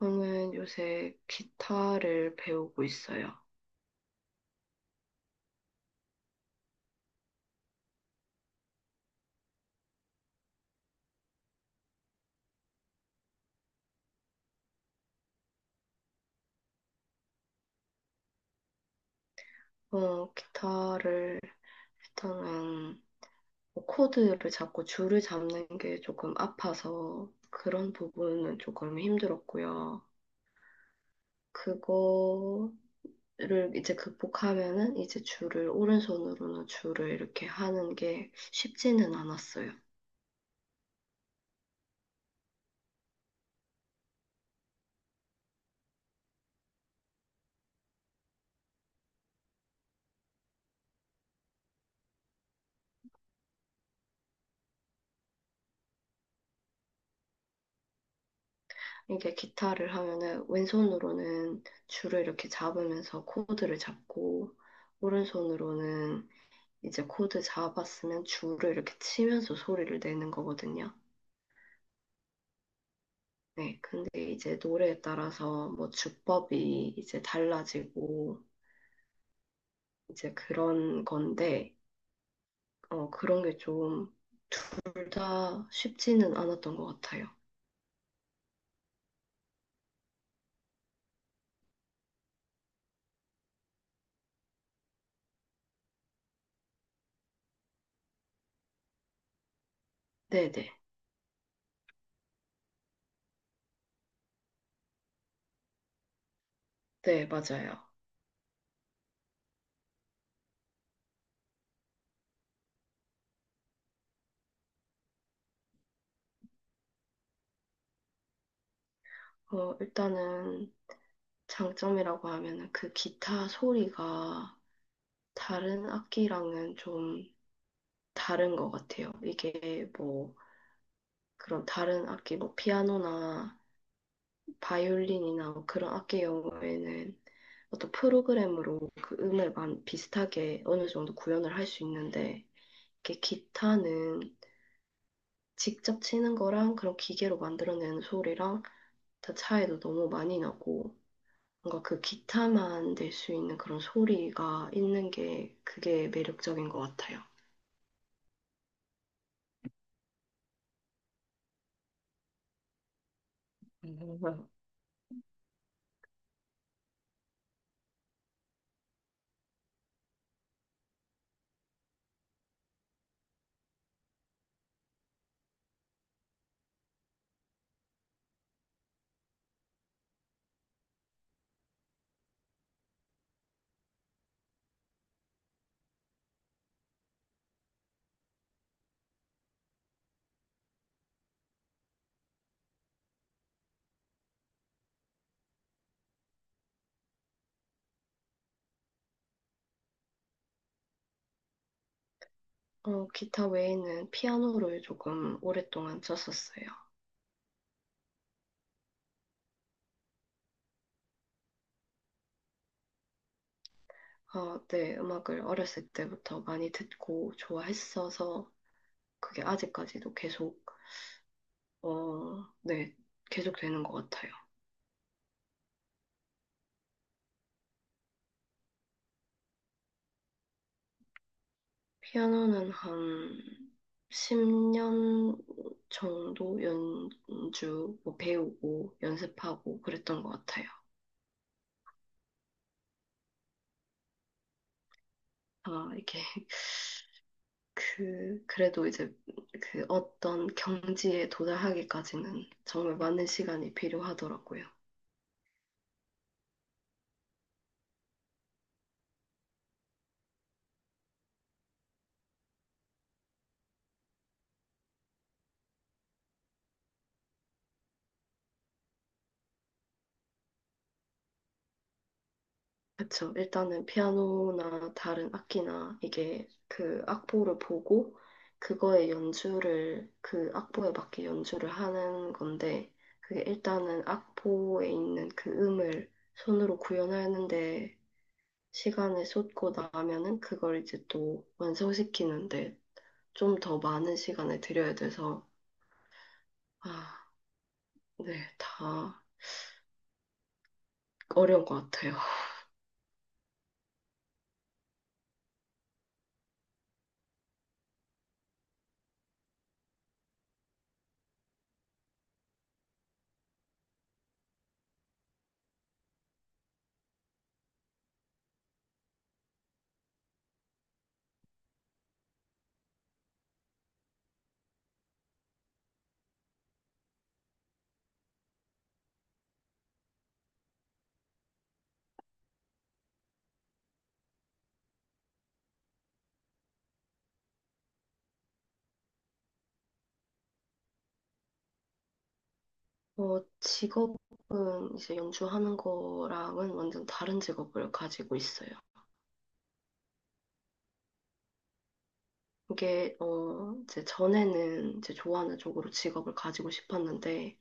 저는 요새 기타를 배우고 있어요. 기타를 일단은 뭐 코드를 잡고 줄을 잡는 게 조금 아파서 그런 부분은 조금 힘들었고요. 그거를 이제 극복하면은 이제 줄을 오른손으로는 줄을 이렇게 하는 게 쉽지는 않았어요. 이게 기타를 하면은 왼손으로는 줄을 이렇게 잡으면서 코드를 잡고 오른손으로는 이제 코드 자바 쓰면 줄을 이렇게 치면서 소리를 내는 거거든요. 네, 근데 이제 노래에 따라서 뭐 주법이 이제 달라지고 이제 그런 건데, 그런 게 좀 둘 다 쉽지는 않았던 것 같아요. 네네. 네, 네, 맞아요. 일단은 장점이라고 하면은 그 기타 소리가 다른 악기랑은 좀 다른 것 같아요. 이게 뭐 그런 다른 악기, 뭐 피아노나 바이올린이나 그런 악기 경우에는 어떤 프로그램으로 그 음을 비슷하게 어느 정도 구현을 할 수 있는데 이렇게 기타는 직접 치는 거랑 그런 기계로 만들어내는 소리랑 다 차이도 너무 많이 나고 뭔가 그 기타만 낼 수 있는 그런 소리가 있는 게 그게 매력적인 것 같아요. 음. 어, 기타 외에는 피아노를 조금 오랫동안 쳤었어요. 어, 네, 음악을 어렸을 때부터 많이 듣고 좋아했어서 그게 아직까지도 계속, 어, 네, 계속 되는 것 같아요. 피아노는 한 10년 정도 연주, 뭐 배우고 연습하고 그랬던 것 같아요. 아, 이게 그래도 이제 그 어떤 경지에 도달하기까지는 정말 많은 시간이 필요하더라고요. 그쵸. 일단은 피아노나 다른 악기나 이게 그 악보를 보고 그거의 연주를 그 악보에 맞게 연주를 하는 건데 그게 일단은 악보에 있는 그 음을 손으로 구현하는데 시간을 쏟고 나면은 그걸 이제 또 완성시키는데 좀 더 많은 시간을 들여야 돼서 아, 네, 다 어려운 것 같아요. 직업은 이제 연주하는 거랑은 완전 다른 직업을 가지고 있어요. 이제 전에는 이제 좋아하는 쪽으로 직업을 가지고 싶었는데,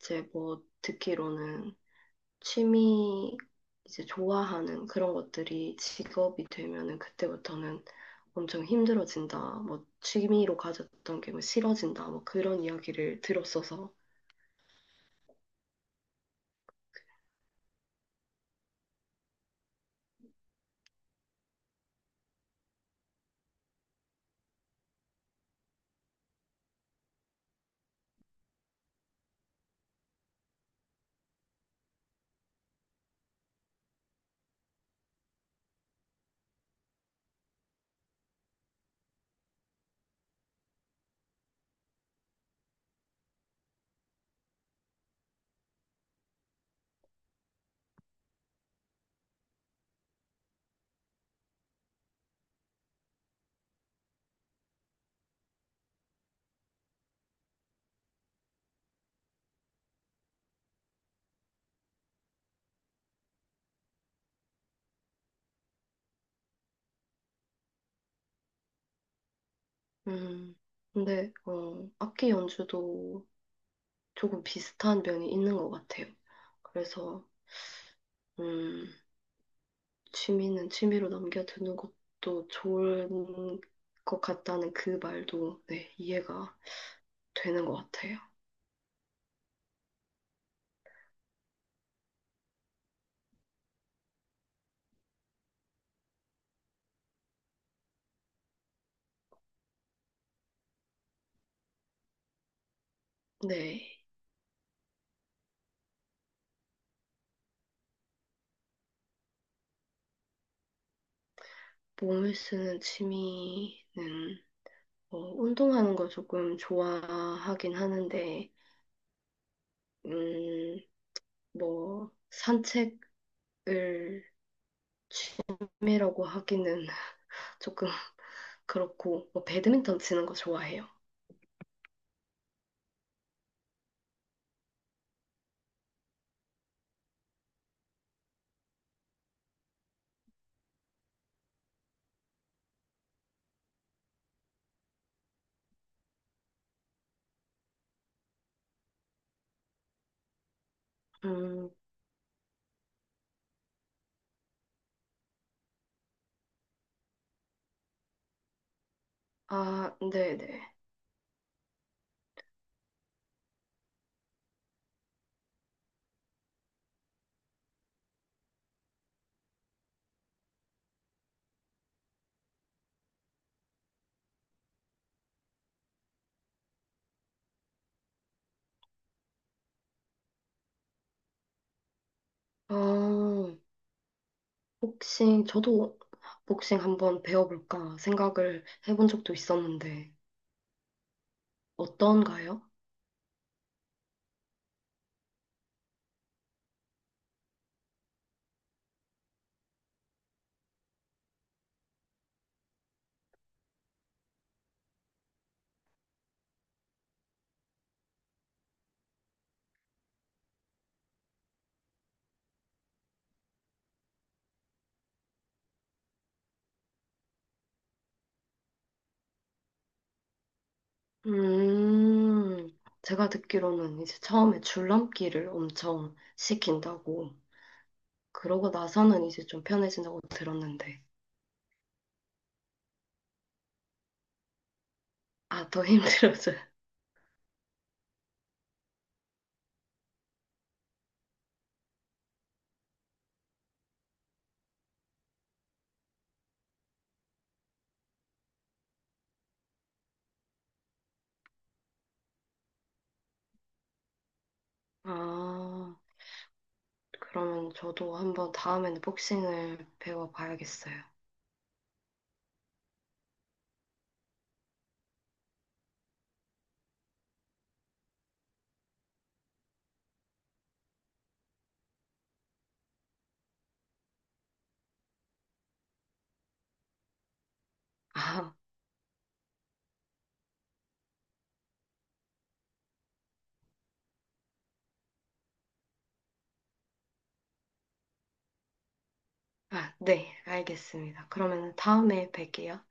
이제 뭐 듣기로는 취미, 이제 좋아하는 그런 것들이 직업이 되면은 그때부터는 엄청 힘들어진다. 뭐 취미로 가졌던 게 뭐 싫어진다. 뭐 그런 이야기를 들었어서. 음, 근데, 악기 연주도 조금 비슷한 면이 있는 것 같아요. 그래서, 음, 취미는 취미로 넘겨두는 것도 좋은 것 같다는 그 말도, 네, 이해가 되는 것 같아요. 네, 몸을 쓰는 취미는, 운동하는 거 조금 좋아하긴 하는데, 음, 뭐, 산책을 취미라고 하기는 조금 그렇고, 뭐, 배드민턴 치는 거 좋아해요. 음, 아, 네네. 어, 복싱, 저도 복싱 한번 배워볼까 생각을 해본 적도 있었는데, 어떤가요? 음, 제가 듣기로는 이제 처음에 줄넘기를 엄청 시킨다고, 그러고 나서는 이제 좀 편해진다고 들었는데, 아, 더 힘들어져요. 아, 그러면 저도 한번 다음에는 복싱을 배워봐야겠어요. 아, 아, 네, 알겠습니다. 그러면 다음에 뵐게요.